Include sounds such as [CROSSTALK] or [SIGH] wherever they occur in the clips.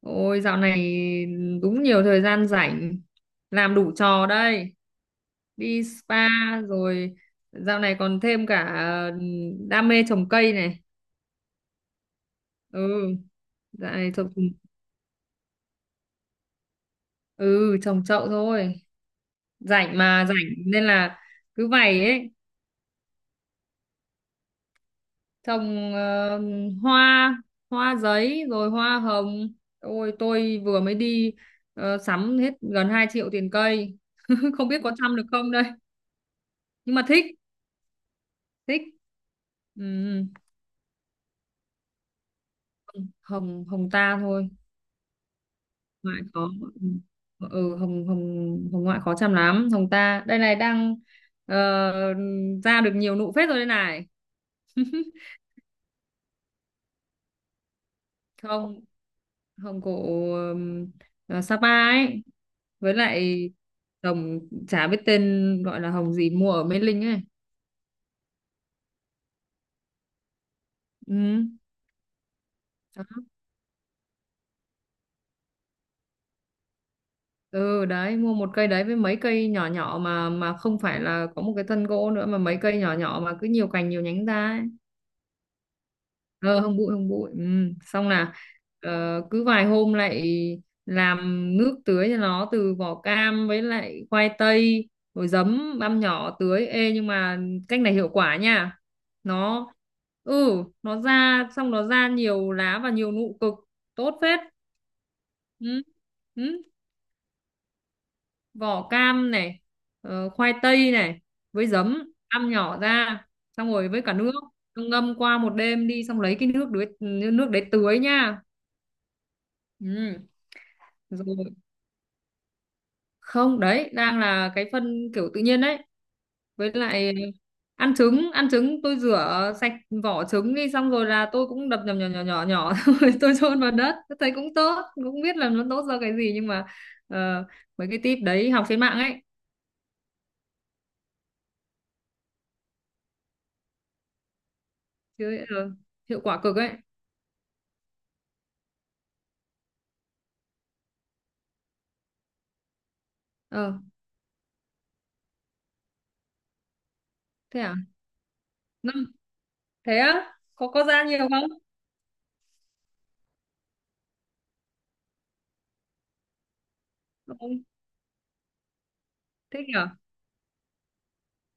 Ôi, dạo này đúng nhiều thời gian rảnh, làm đủ trò đây. Đi spa rồi dạo này còn thêm cả đam mê trồng cây này. Ừ, dạo này trồng, ừ, trồng chậu thôi. Rảnh mà, rảnh nên là cứ vậy ấy. Trồng hoa, hoa giấy rồi hoa hồng. Ôi tôi vừa mới đi sắm hết gần 2 triệu tiền cây. [LAUGHS] Không biết có chăm được không đây nhưng mà thích, thích. Ừ, ừ. Hồng, Hồng ta thôi. Ngoại khó. Ừ, Hồng Hồng Hồng ngoại khó chăm lắm. Hồng ta đây này, đang ờ, ra được nhiều nụ phết rồi đây này. [LAUGHS] Không, Hồng cổ, Sapa ấy, với lại Hồng, chả biết tên gọi là Hồng gì, mua ở Mê Linh ấy. Ừ. Đó. Ừ đấy, mua một cây đấy với mấy cây nhỏ nhỏ mà không phải là có một cái thân gỗ nữa, mà mấy cây nhỏ nhỏ mà cứ nhiều cành nhiều nhánh ra ấy. Ờ, không bụi, không bụi. Xong là cứ vài hôm lại làm nước tưới cho nó từ vỏ cam với lại khoai tây rồi giấm, băm nhỏ tưới. Ê, nhưng mà cách này hiệu quả nha. Nó, ừ, nó ra, xong nó ra nhiều lá và nhiều nụ cực, tốt phết. Ừ. Ừ. Vỏ cam này, khoai tây này, với giấm, ăn nhỏ ra, xong rồi với cả nước. Xong ngâm qua một đêm đi, xong lấy cái nước đấy, nước đấy tưới nha. Ừ. Rồi, không, đấy đang là cái phân kiểu tự nhiên đấy. Với lại ăn trứng, ăn trứng tôi rửa sạch vỏ trứng đi, xong rồi là tôi cũng đập nhỏ nhỏ nhỏ nhỏ nhỏ [LAUGHS] xong rồi tôi chôn vào đất. Tôi thấy cũng tốt, cũng biết là nó tốt do cái gì, nhưng mà ờ, mấy cái tip đấy học trên mạng ấy. Chứ hiệu quả cực ấy. Ờ. Thế à? Ngâm, thế á, có ra nhiều không? Ừ, thế nhỉ.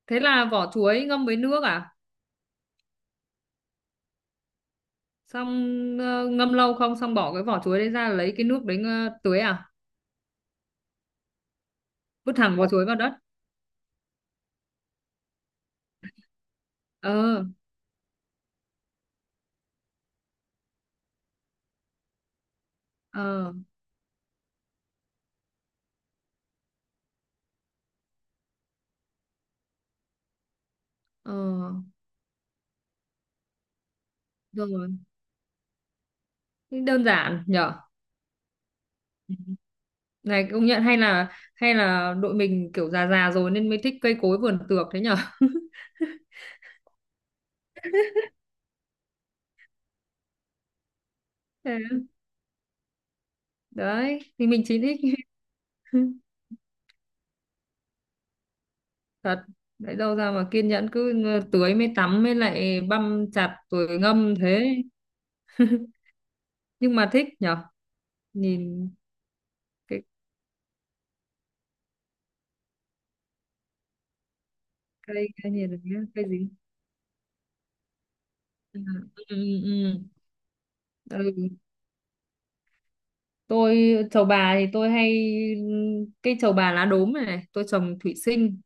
Thế là vỏ chuối ngâm với nước à? Xong ngâm lâu không, xong bỏ cái vỏ chuối đấy ra lấy cái nước đấy tưới à? Vứt thẳng vỏ chuối vào đất. Ờ. Ờ. Ờ. Rồi. Thế đơn giản nhở. Ừ. Này công nhận hay là, hay là đội mình kiểu già già rồi nên mới thích cây cối vườn tược thế nhở. [LAUGHS] Thế đấy thì mình chỉ thích. [LAUGHS] Thật, lấy đâu ra mà kiên nhẫn, cứ tưới mới tắm mới lại băm chặt rồi ngâm thế. [LAUGHS] Nhưng mà thích nhở. Nhìn cái cây, cái nhìn được nhá, cây dính. Ừ, ừ, ừ. Ừ. Ừ. Tôi trầu bà thì tôi hay, cây trầu bà lá đốm này, này tôi trồng thủy sinh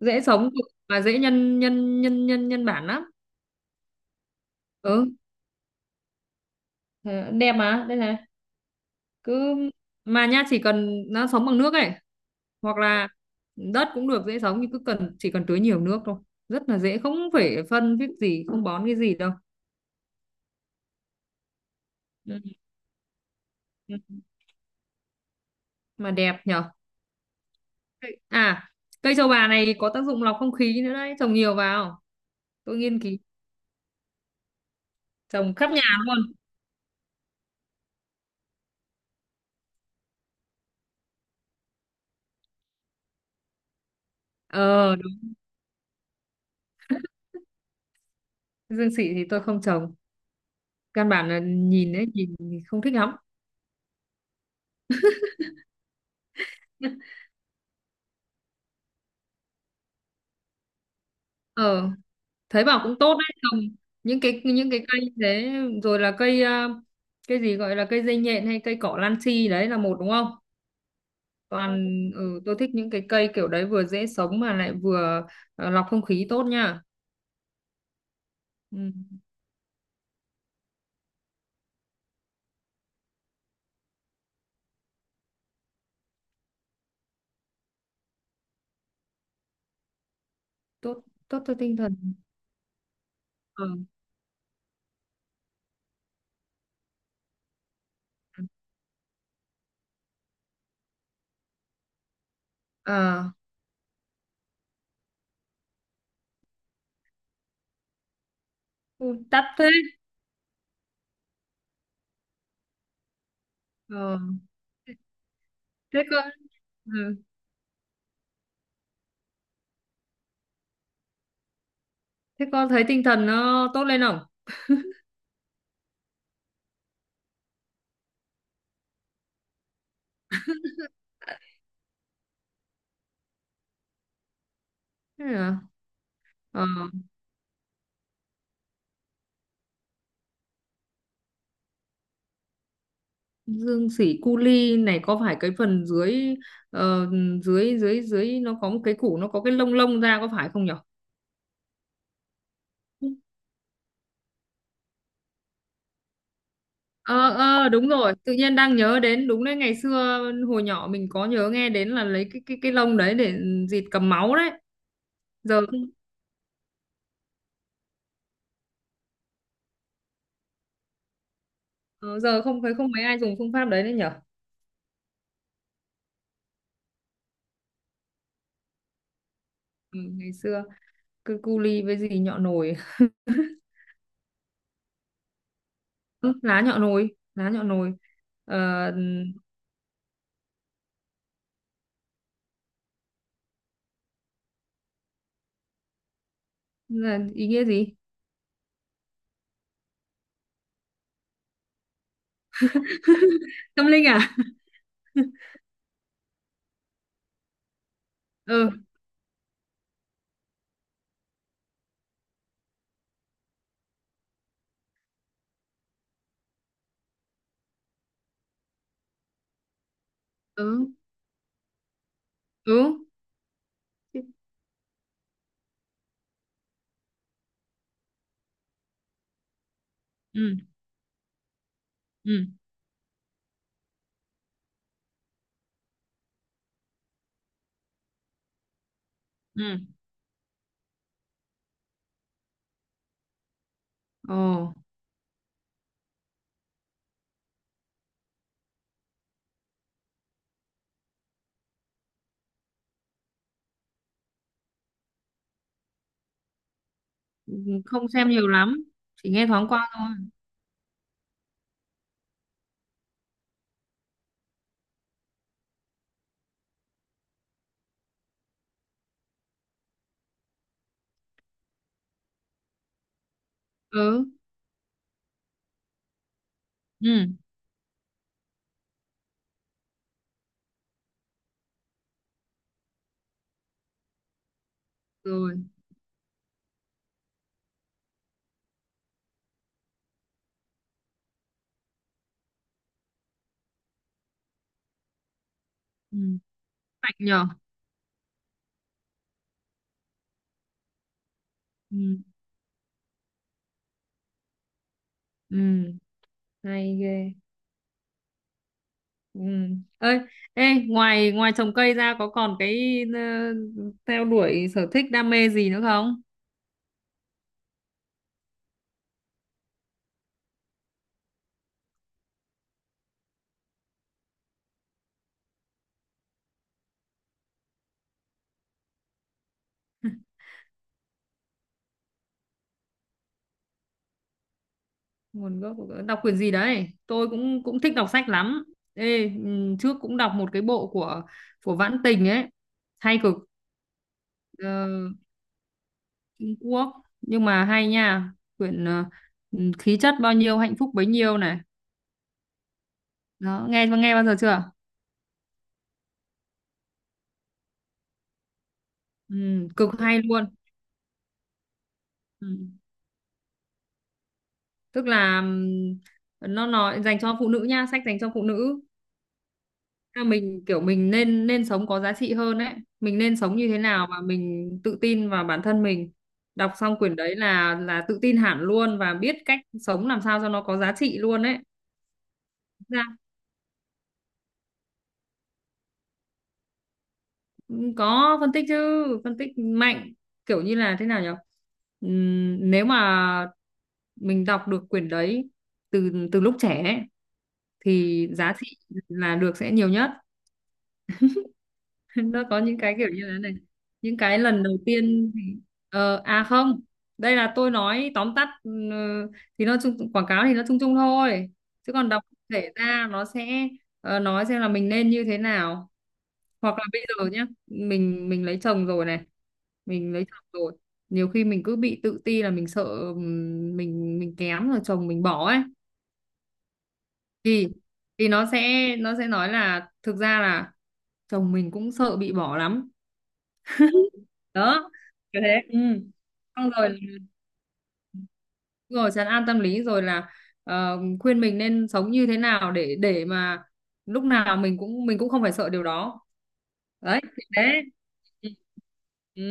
dễ sống cực, mà dễ nhân nhân nhân nhân nhân bản lắm. Ừ, đẹp mà, đây này, cứ mà nha, chỉ cần nó sống bằng nước ấy, hoặc là đất cũng được. Dễ sống nhưng cứ cần, chỉ cần tưới nhiều nước thôi, rất là dễ, không phải phân viết gì, không bón cái gì đâu. Ừ. Mà đẹp nhở. À, cây trầu bà này có tác dụng lọc không khí nữa đấy, trồng nhiều vào. Tôi nghiên cứu trồng khắp nhà luôn. Ờ, đúng. Dương xị thì tôi không trồng, căn bản là nhìn ấy, nhìn không thích lắm. [LAUGHS] Ờ, thấy bảo cũng tốt đấy, trồng những cái, những cái cây như thế, rồi là cây cây gì gọi là cây dây nhện hay cây cỏ lan chi, đấy là một đúng không? Còn, ừ, tôi thích những cái cây kiểu đấy, vừa dễ sống mà lại vừa lọc không khí tốt nha. Ừ, tốt, tốt cho tinh thần. Ừ. À. Đắt thế. Ờ, thế cơ. Ừ. Thế con thấy tinh thần nó tốt lên không? Thế à? Ờ, dương sỉ cu li này có phải cái phần dưới ờ, dưới nó có một cái củ, nó có cái lông, lông ra, có phải không nhở? Ờ, ờ đúng rồi, tự nhiên đang nhớ đến, đúng đấy, ngày xưa hồi nhỏ mình có nhớ nghe đến là lấy cái cái lông đấy để dịt cầm máu đấy. Giờ ờ, giờ không thấy không mấy ai dùng phương pháp đấy đấy nhở. Ừ, ngày xưa cứ cu li với gì nhọ nồi. Ừ, lá nhọ nồi, lá nhọ nồi. ờ, là ý nghĩa gì? Tâm linh à? Ừ. Ừ. Ừ. Ừ. Ừ. Ừ. Ồ. Không xem nhiều lắm, chỉ nghe thoáng qua thôi. Ừ. Ừ. Rồi. Ừ. Mạnh nhở. Ừ. Ừ. Hay ghê. Ừ. Ơi, ê, ngoài, ngoài trồng cây ra có còn cái theo đuổi sở thích đam mê gì nữa không? Nguồn gốc của- đọc quyển gì đấy? Tôi cũng, cũng thích đọc sách lắm. Ê, ừ, trước cũng đọc một cái bộ của Vãn Tình ấy, hay cực. Ờ, Trung Quốc nhưng mà hay nha, quyển ừ, khí chất bao nhiêu hạnh phúc bấy nhiêu này. Đó, nghe, nghe bao giờ chưa? Ừ, cực hay luôn. Ừ. Tức là nó nói dành cho phụ nữ nha, sách dành cho phụ nữ. Là mình kiểu mình nên, nên sống có giá trị hơn đấy. Mình nên sống như thế nào mà mình tự tin vào bản thân mình. Đọc xong quyển đấy là tự tin hẳn luôn, và biết cách sống làm sao cho nó có giá trị luôn đấy. Ra, có phân tích chứ, phân tích mạnh. Kiểu như là thế nào nhỉ, nếu mà mình đọc được quyển đấy từ từ lúc trẻ ấy, thì giá trị là được sẽ nhiều nhất. [LAUGHS] Nó có những cái kiểu như thế này, những cái lần đầu tiên thì à không, đây là tôi nói tóm tắt, ừ, thì nó chung, quảng cáo thì nó chung chung thôi, chứ còn đọc thể ra nó sẽ nói xem là mình nên như thế nào. Hoặc là bây giờ nhá, mình lấy chồng rồi này, mình lấy chồng rồi, nhiều khi mình cứ bị tự ti, là mình sợ mình kém rồi chồng mình bỏ ấy. Thì nó sẽ, nó sẽ nói là thực ra là chồng mình cũng sợ bị bỏ lắm. Đó, kiểu thế, ừ. Xong rồi, rồi trấn an tâm lý rồi là khuyên mình nên sống như thế nào để mà lúc nào mình cũng, mình cũng không phải sợ điều đó. Đấy thì thế. Ừ. Ừ.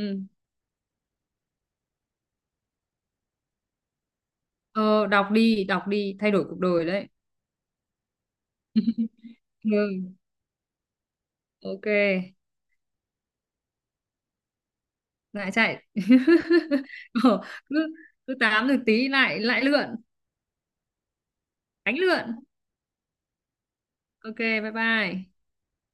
Ờ, đọc đi, đọc đi, thay đổi cuộc đời đấy. Ừ. Ok. Lại chạy. [LAUGHS] Ờ, cứ, cứ tám được tí lại, lại lượn. Đánh lượn. Ok, bye bye.